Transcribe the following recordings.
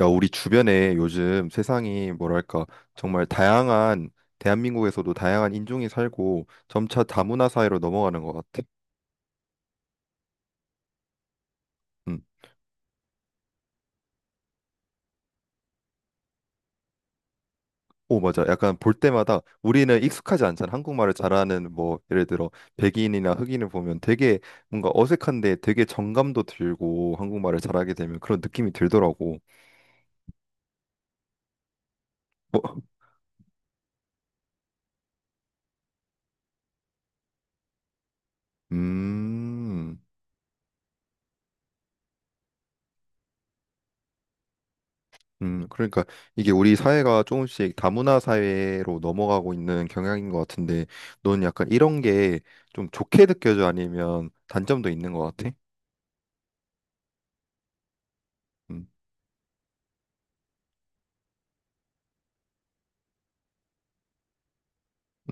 야, 우리 주변에 요즘 세상이 뭐랄까, 정말 다양한, 대한민국에서도 다양한 인종이 살고 점차 다문화 사회로 넘어가는 것 같아. 음. 오, 맞아. 약간 볼 때마다 우리는 익숙하지 않잖아. 한국말을 잘하는 뭐, 예를 들어, 백인이나 흑인을 보면 되게 뭔가 어색한데 되게 정감도 들고 한국말을 잘하게 되면 그런 느낌이 들더라고. 뭐, 음. 그러니까 이게 우리 사회가 조금씩 다문화 사회로 넘어가고 있는 경향인 것 같은데, 넌 약간 이런 게 좀 좋게 느껴져 아니면 단점도 있는 것 같아? 음,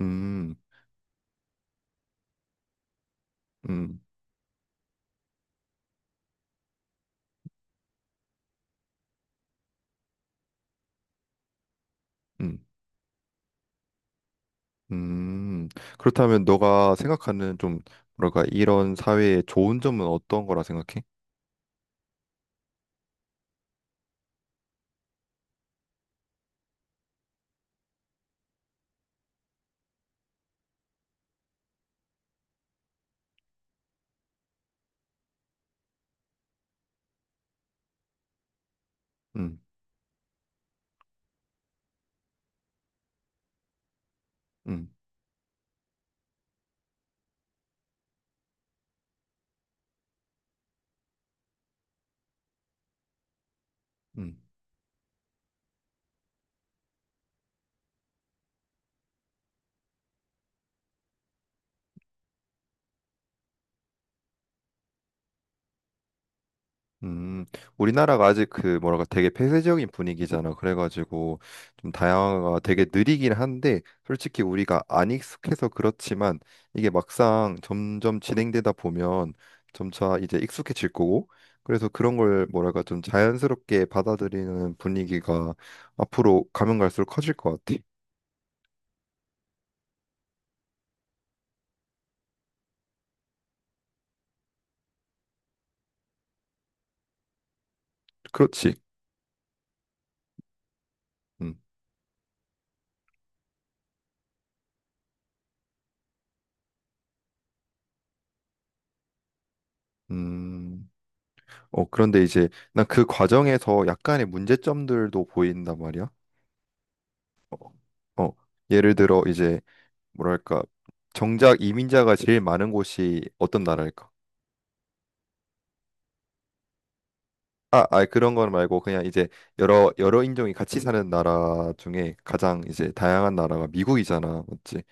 음, 음, 음, 음. 그렇다면 너가 생각하는 좀 뭐랄까 이런 사회의 좋은 점은 어떤 거라 생각해? 음, 음, 음. 음, 우리나라가 아직 그 뭐랄까 되게 폐쇄적인 분위기잖아. 그래가지고 좀 다양화가 되게 느리긴 한데 솔직히 우리가 안 익숙해서 그렇지만 이게 막상 점점 진행되다 보면 점차 이제 익숙해질 거고 그래서 그런 걸 뭐랄까 좀 자연스럽게 받아들이는 분위기가 앞으로 가면 갈수록 커질 것 같아. 그렇지. 음. 음. 어, 그런데 이제 난 그 과정에서 약간의 문제점들도 보인단 말이야. 어, 어, 예를 들어 이제 뭐랄까 정작 이민자가 제일 많은 곳이 어떤 나라일까? 아, 아 그런 건 말고 그냥 이제 여러 인종이 같이 사는 나라 중에 가장 이제 다양한 나라가 미국이잖아, 맞지?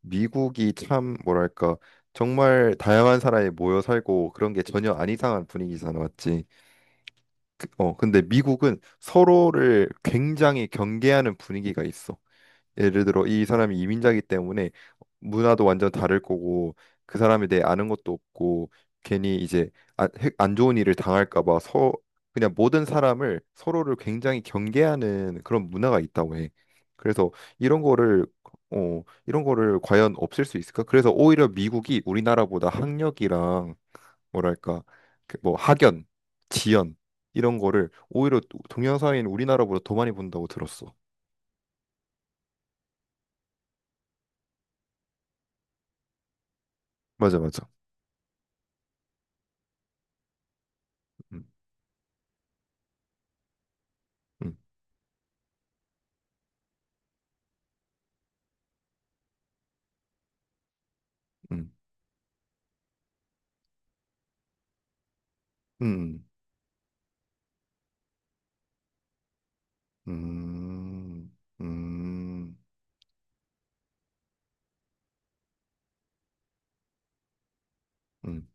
미국이 참 뭐랄까 정말 다양한 사람이 모여 살고 그런 게 전혀 안 이상한 분위기잖아, 맞지? 어, 근데 미국은 서로를 굉장히 경계하는 분위기가 있어. 예를 들어 이 사람이 이민자이기 때문에 문화도 완전 다를 거고 그 사람에 대해 아는 것도 없고 괜히 이제 안 좋은 일을 당할까 봐 서 그냥 모든 사람을 서로를 굉장히 경계하는 그런 문화가 있다고 해. 그래서 이런 거를 이런 거를 과연 없앨 수 있을까? 그래서 오히려 미국이 우리나라보다 학력이랑 뭐랄까 그 뭐 학연, 지연 이런 거를 오히려 동양 사회인 우리나라보다 더 많이 본다고 들었어. 맞아 맞아. 음, 음, 음. 음, 음, 음, 음,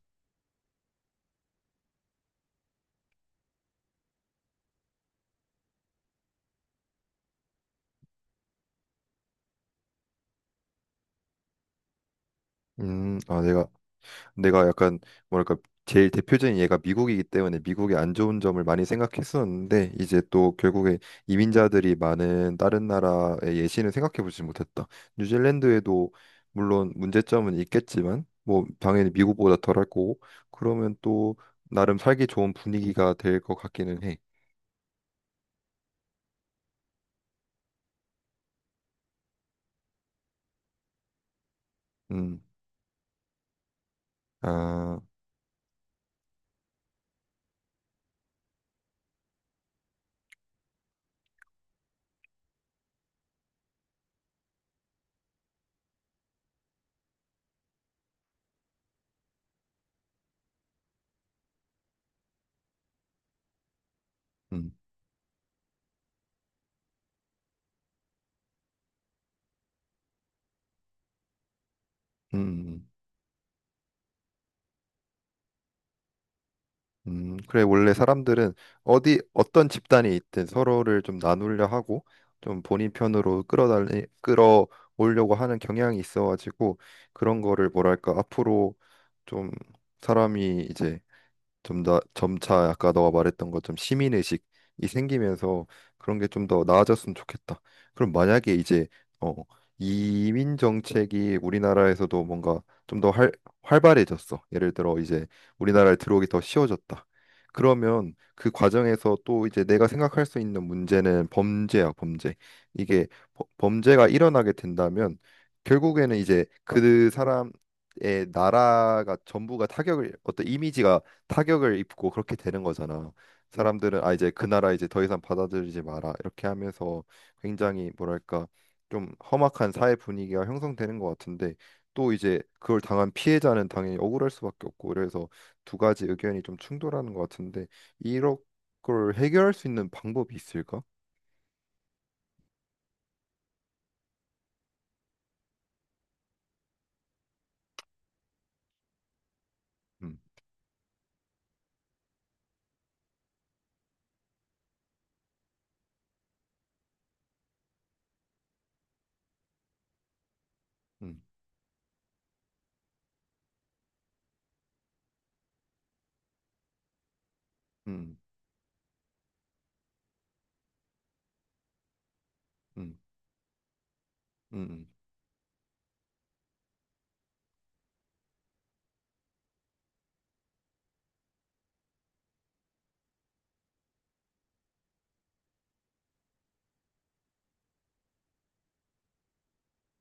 아, 내가 약간, 뭐랄까, 제일 대표적인 얘가 미국이기 때문에 미국의 안 좋은 점을 많이 생각했었는데, 이제 또 결국에 이민자들이 많은 다른 나라의 예시는 생각해 보지 못했다. 뉴질랜드에도 물론 문제점은 있겠지만, 뭐, 당연히 미국보다 덜할 거고, 그러면 또 나름 살기 좋은 분위기가 될 것 같기는 해. 음, 아, 음, 음, 음. 그래, 원래 사람들은 어디, 어떤 집단이 있든 서로를 좀 나누려 하고, 좀 본인 편으로 끌어오려고 하는 경향이 있어가지고, 그런 거를 뭐랄까, 앞으로 좀 사람이 이제 좀 더 점차 아까 너가 말했던 것좀 시민 의식이 생기면서 그런 게 좀 더 나아졌으면 좋겠다. 그럼 만약에 이제 어 이민 정책이 우리나라에서도 뭔가 좀 더 활발해졌어. 예를 들어 이제 우리나라에 들어오기 더 쉬워졌다. 그러면 그 과정에서 또 이제 내가 생각할 수 있는 문제는 범죄야, 범죄. 이게 범죄가 일어나게 된다면 결국에는 이제 그 사람의 나라가 전부가 타격을 어떤 이미지가 타격을 입고 그렇게 되는 거잖아. 사람들은 아 이제 그 나라 이제 더 이상 받아들이지 마라 이렇게 하면서 굉장히 뭐랄까 좀 험악한 사회 분위기가 형성되는 것 같은데 또 이제 그걸 당한 피해자는 당연히 억울할 수밖에 없고 그래서 두 가지 의견이 좀 충돌하는 것 같은데 이런 걸 해결할 수 있는 방법이 있을까? 음, 음, 음, 음, 음,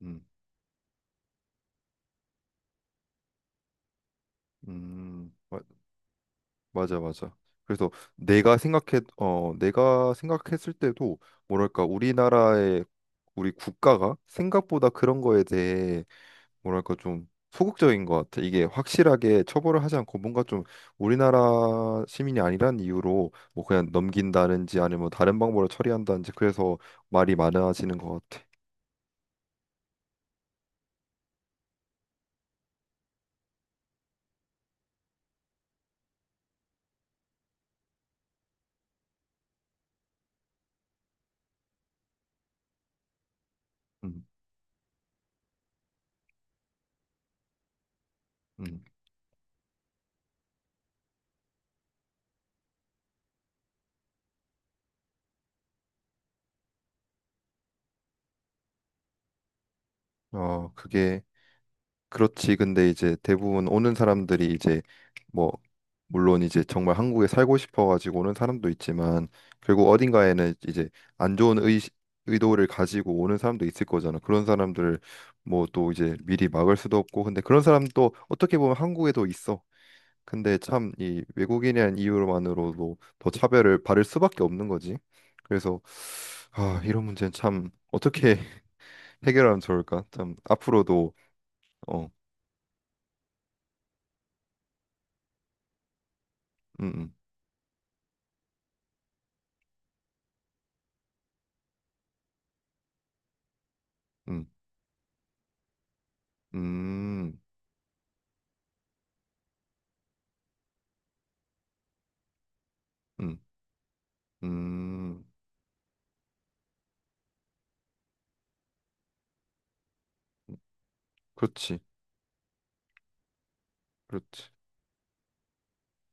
음, 음, 음, 맞아, 맞아. 그래서 내가 생각했을 때도 뭐랄까 우리나라의 우리 국가가 생각보다 그런 거에 대해 뭐랄까 좀 소극적인 것 같아. 이게 확실하게 처벌을 하지 않고 뭔가 좀 우리나라 시민이 아니란 이유로 뭐 그냥 넘긴다든지 아니면 뭐 다른 방법으로 처리한다든지 그래서 말이 많아지는 것 같아. 음, 음. 어, 그게 그렇지. 근데 이제 대부분 오는 사람들이 이제 뭐 물론 이제 정말 한국에 살고 싶어 가지고 오는 사람도 있지만 결국 어딘가에는 이제 안 좋은 의 의도를 가지고 오는 사람도 있을 거잖아. 그런 사람들을 뭐 또 이제 미리 막을 수도 없고 근데 그런 사람도 어떻게 보면 한국에도 있어. 근데 참 이 외국인이라는 이유만으로도 더 차별을 받을 수밖에 없는 거지. 그래서 아, 이런 문제는 참 어떻게 해결하면 좋을까? 참 앞으로도 어, 음. 음. 음, 음, 음, 그렇지, 그렇지,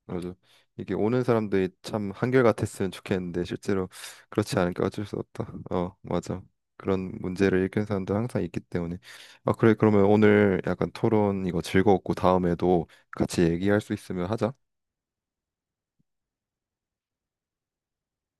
맞아. 이게 오는 사람들이 참 한결같았으면 좋겠는데 실제로 그렇지 않으니까 어쩔 수 없다. 어, 맞아. 그런 문제를 일으키는 사람들 항상 있기 때문에. 아, 그래, 그러면 오늘 약간 토론 이거 즐거웠고 다음에도 같이 얘기할 수 있으면 하자.